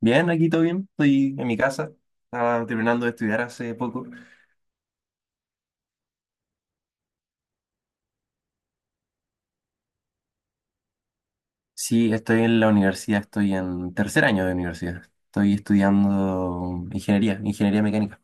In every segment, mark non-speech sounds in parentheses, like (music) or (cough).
Bien, aquí todo bien. Estoy en mi casa. Estaba terminando de estudiar hace poco. Sí, estoy en la universidad. Estoy en tercer año de universidad. Estoy estudiando ingeniería, ingeniería mecánica.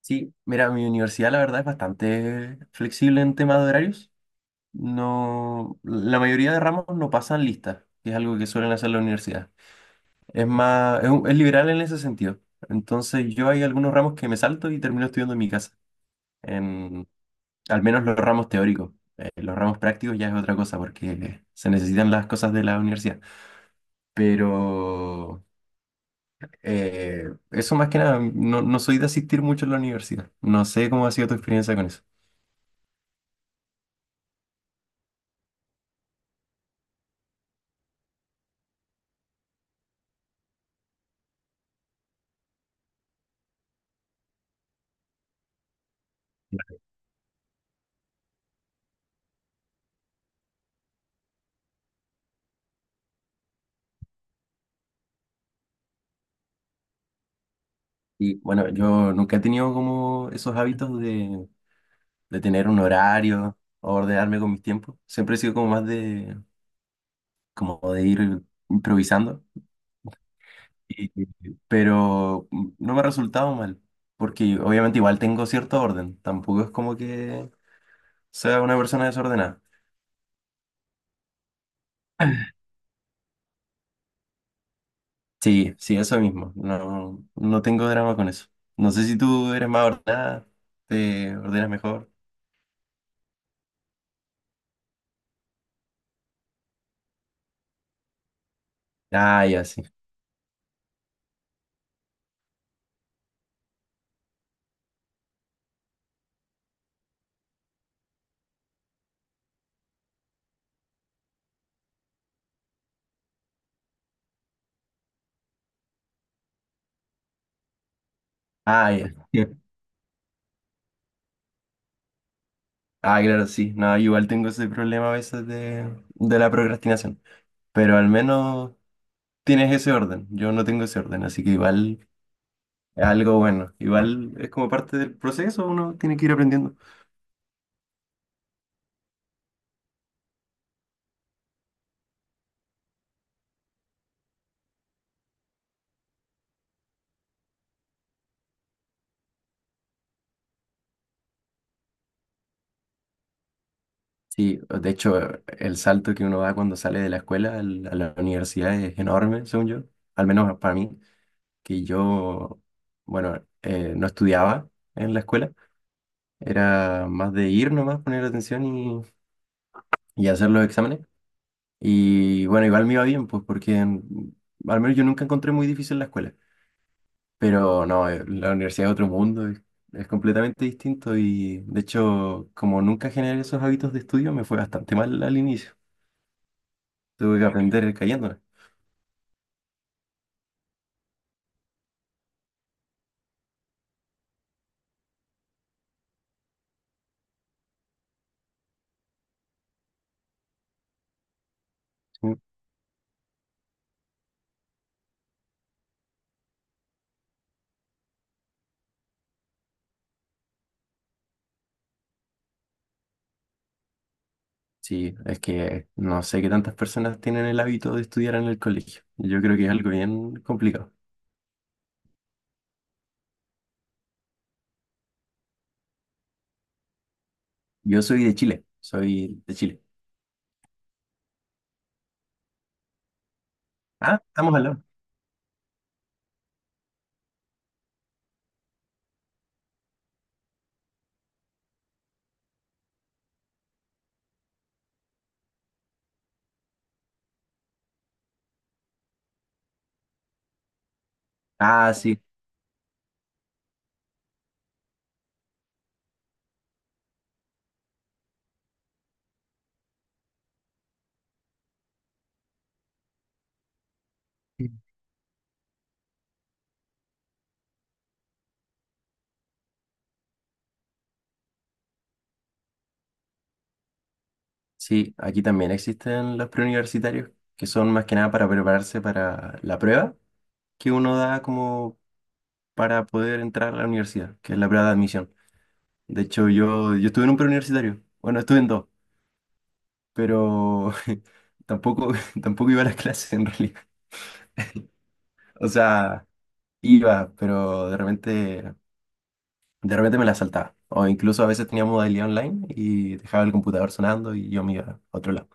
Sí, mira, mi universidad la verdad es bastante flexible en temas de horarios. No, la mayoría de ramos no pasan listas, que es algo que suelen hacer la universidad. Es más, es liberal en ese sentido. Entonces yo hay algunos ramos que me salto y termino estudiando en mi casa. Al menos los ramos teóricos. Los ramos prácticos ya es otra cosa porque se necesitan las cosas de la universidad. Pero eso más que nada, no soy de asistir mucho a la universidad. No sé cómo ha sido tu experiencia con eso. Y bueno, yo nunca he tenido como esos hábitos de tener un horario o ordenarme con mis tiempos. Siempre he sido como más de, como de ir improvisando. Y- pero no me ha resultado mal. Porque obviamente igual tengo cierto orden. Tampoco es como que sea una persona desordenada. Sí, sí, eso mismo. No, no tengo drama con eso. No sé si tú eres más ordenada, te ordenas mejor. Ah, ya, sí. Ah, ya. (laughs) Ah, claro, sí. No, igual tengo ese problema a veces de la procrastinación. Pero al menos tienes ese orden. Yo no tengo ese orden, así que igual es algo bueno. Igual es como parte del proceso, uno tiene que ir aprendiendo. Sí, de hecho, el salto que uno da cuando sale de la escuela al- a la universidad es enorme, según yo. Al menos para mí. Que yo, bueno, no estudiaba en la escuela, era más de ir nomás, poner atención y hacer los exámenes. Y bueno, igual me iba bien, pues al menos yo nunca encontré muy difícil la escuela, pero no, la universidad es otro mundo, es completamente distinto y de hecho, como nunca generé esos hábitos de estudio, me fue bastante mal al inicio, tuve que aprender cayéndome. Sí, Sí, es que no sé qué tantas personas tienen el hábito de estudiar en el colegio. Yo creo que es algo bien complicado. Yo soy de Chile, soy de Chile. Ah, estamos al lado. Ah, sí, sí. Sí, aquí también existen los preuniversitarios, que son más que nada para prepararse para la prueba que uno da como para poder entrar a la universidad, que es la prueba de admisión. De hecho, yo estuve en un preuniversitario, bueno, estuve en dos, pero (laughs) tampoco, (laughs) tampoco iba a las clases en realidad. O sea, iba, pero de repente me la saltaba. O incluso a veces tenía modalidad online y dejaba el computador sonando y yo me iba a otro lado.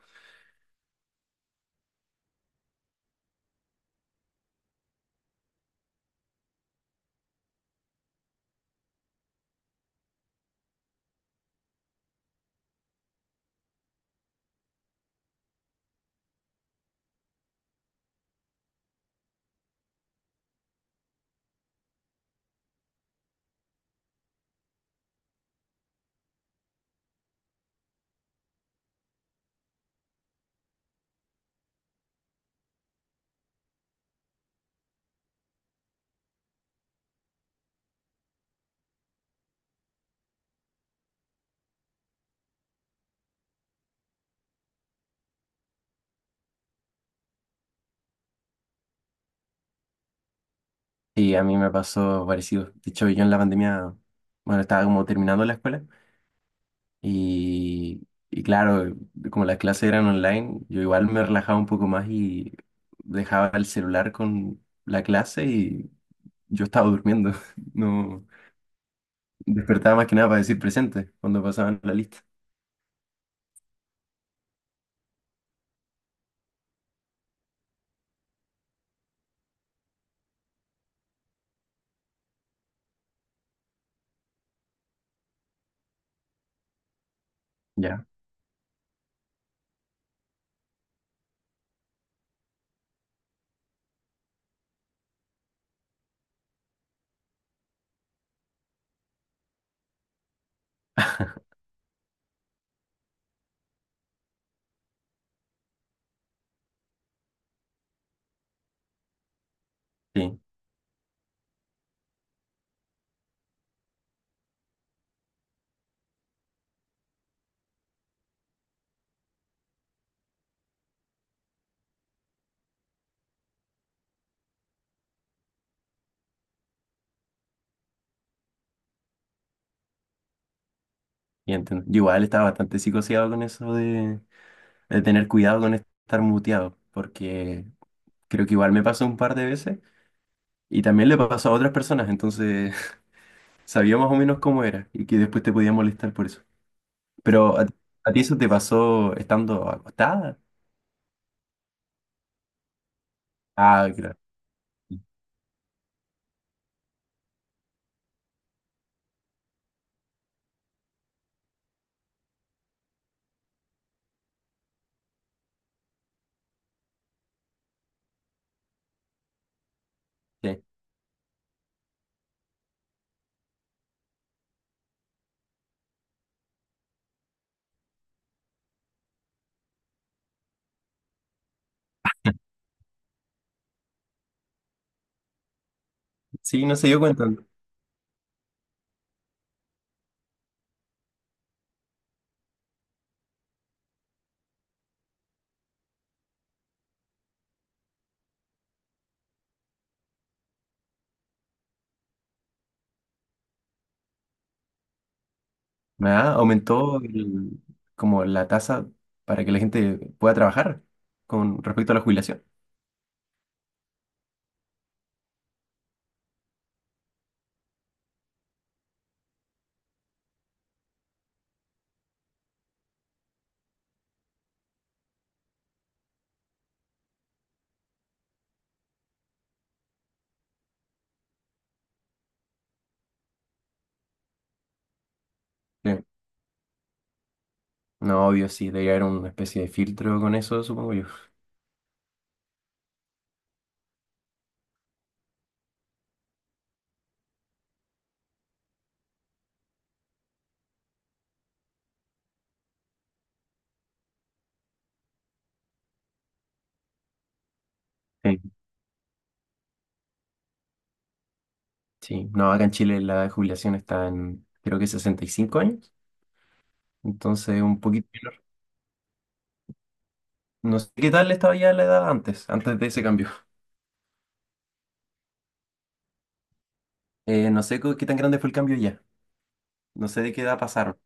Y a mí me pasó parecido. De hecho, yo en la pandemia, bueno, estaba como terminando la escuela y claro, como las clases eran online, yo igual me relajaba un poco más y dejaba el celular con la clase y yo estaba durmiendo. (laughs) No despertaba más que nada para decir presente cuando pasaban la lista. Ya, sí, y entiendo. Yo igual estaba bastante psicoseado con eso de tener cuidado con estar muteado, porque creo que igual me pasó un par de veces y también le pasó a otras personas, entonces (laughs) sabía más o menos cómo era y que después te podía molestar por eso. Pero a ti eso te pasó estando acostada. Ah, claro. Sí, sí, no se dio cuenta, ¿no? Ah, como la tasa para que la gente pueda trabajar con respecto a la jubilación. Sí. No, obvio, sí, debe haber una especie de filtro con eso, supongo yo. Sí. Sí, no, acá en Chile la jubilación está en, creo que 65 años, entonces un poquito menor. No sé qué tal estaba ya la edad antes, antes de ese cambio. No sé co- qué tan grande fue el cambio ya, no sé de qué edad pasaron.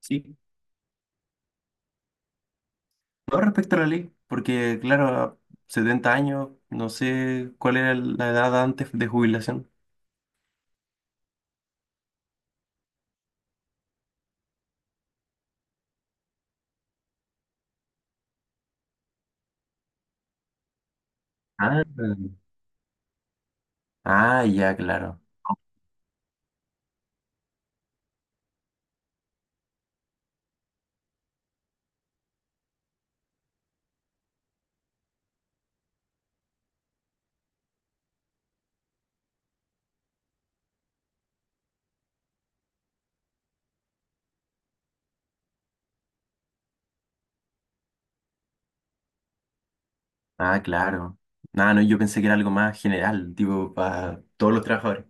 Sí, no respecto a la ley, porque claro, 70 años, no sé cuál era la edad antes de jubilación. Ah, ah, ya, claro. Ah, claro. Ah, no, yo pensé que era algo más general, tipo para todos los trabajadores.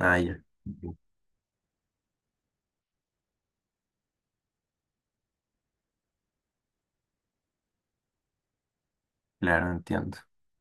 Ah, ya. Claro, entiendo.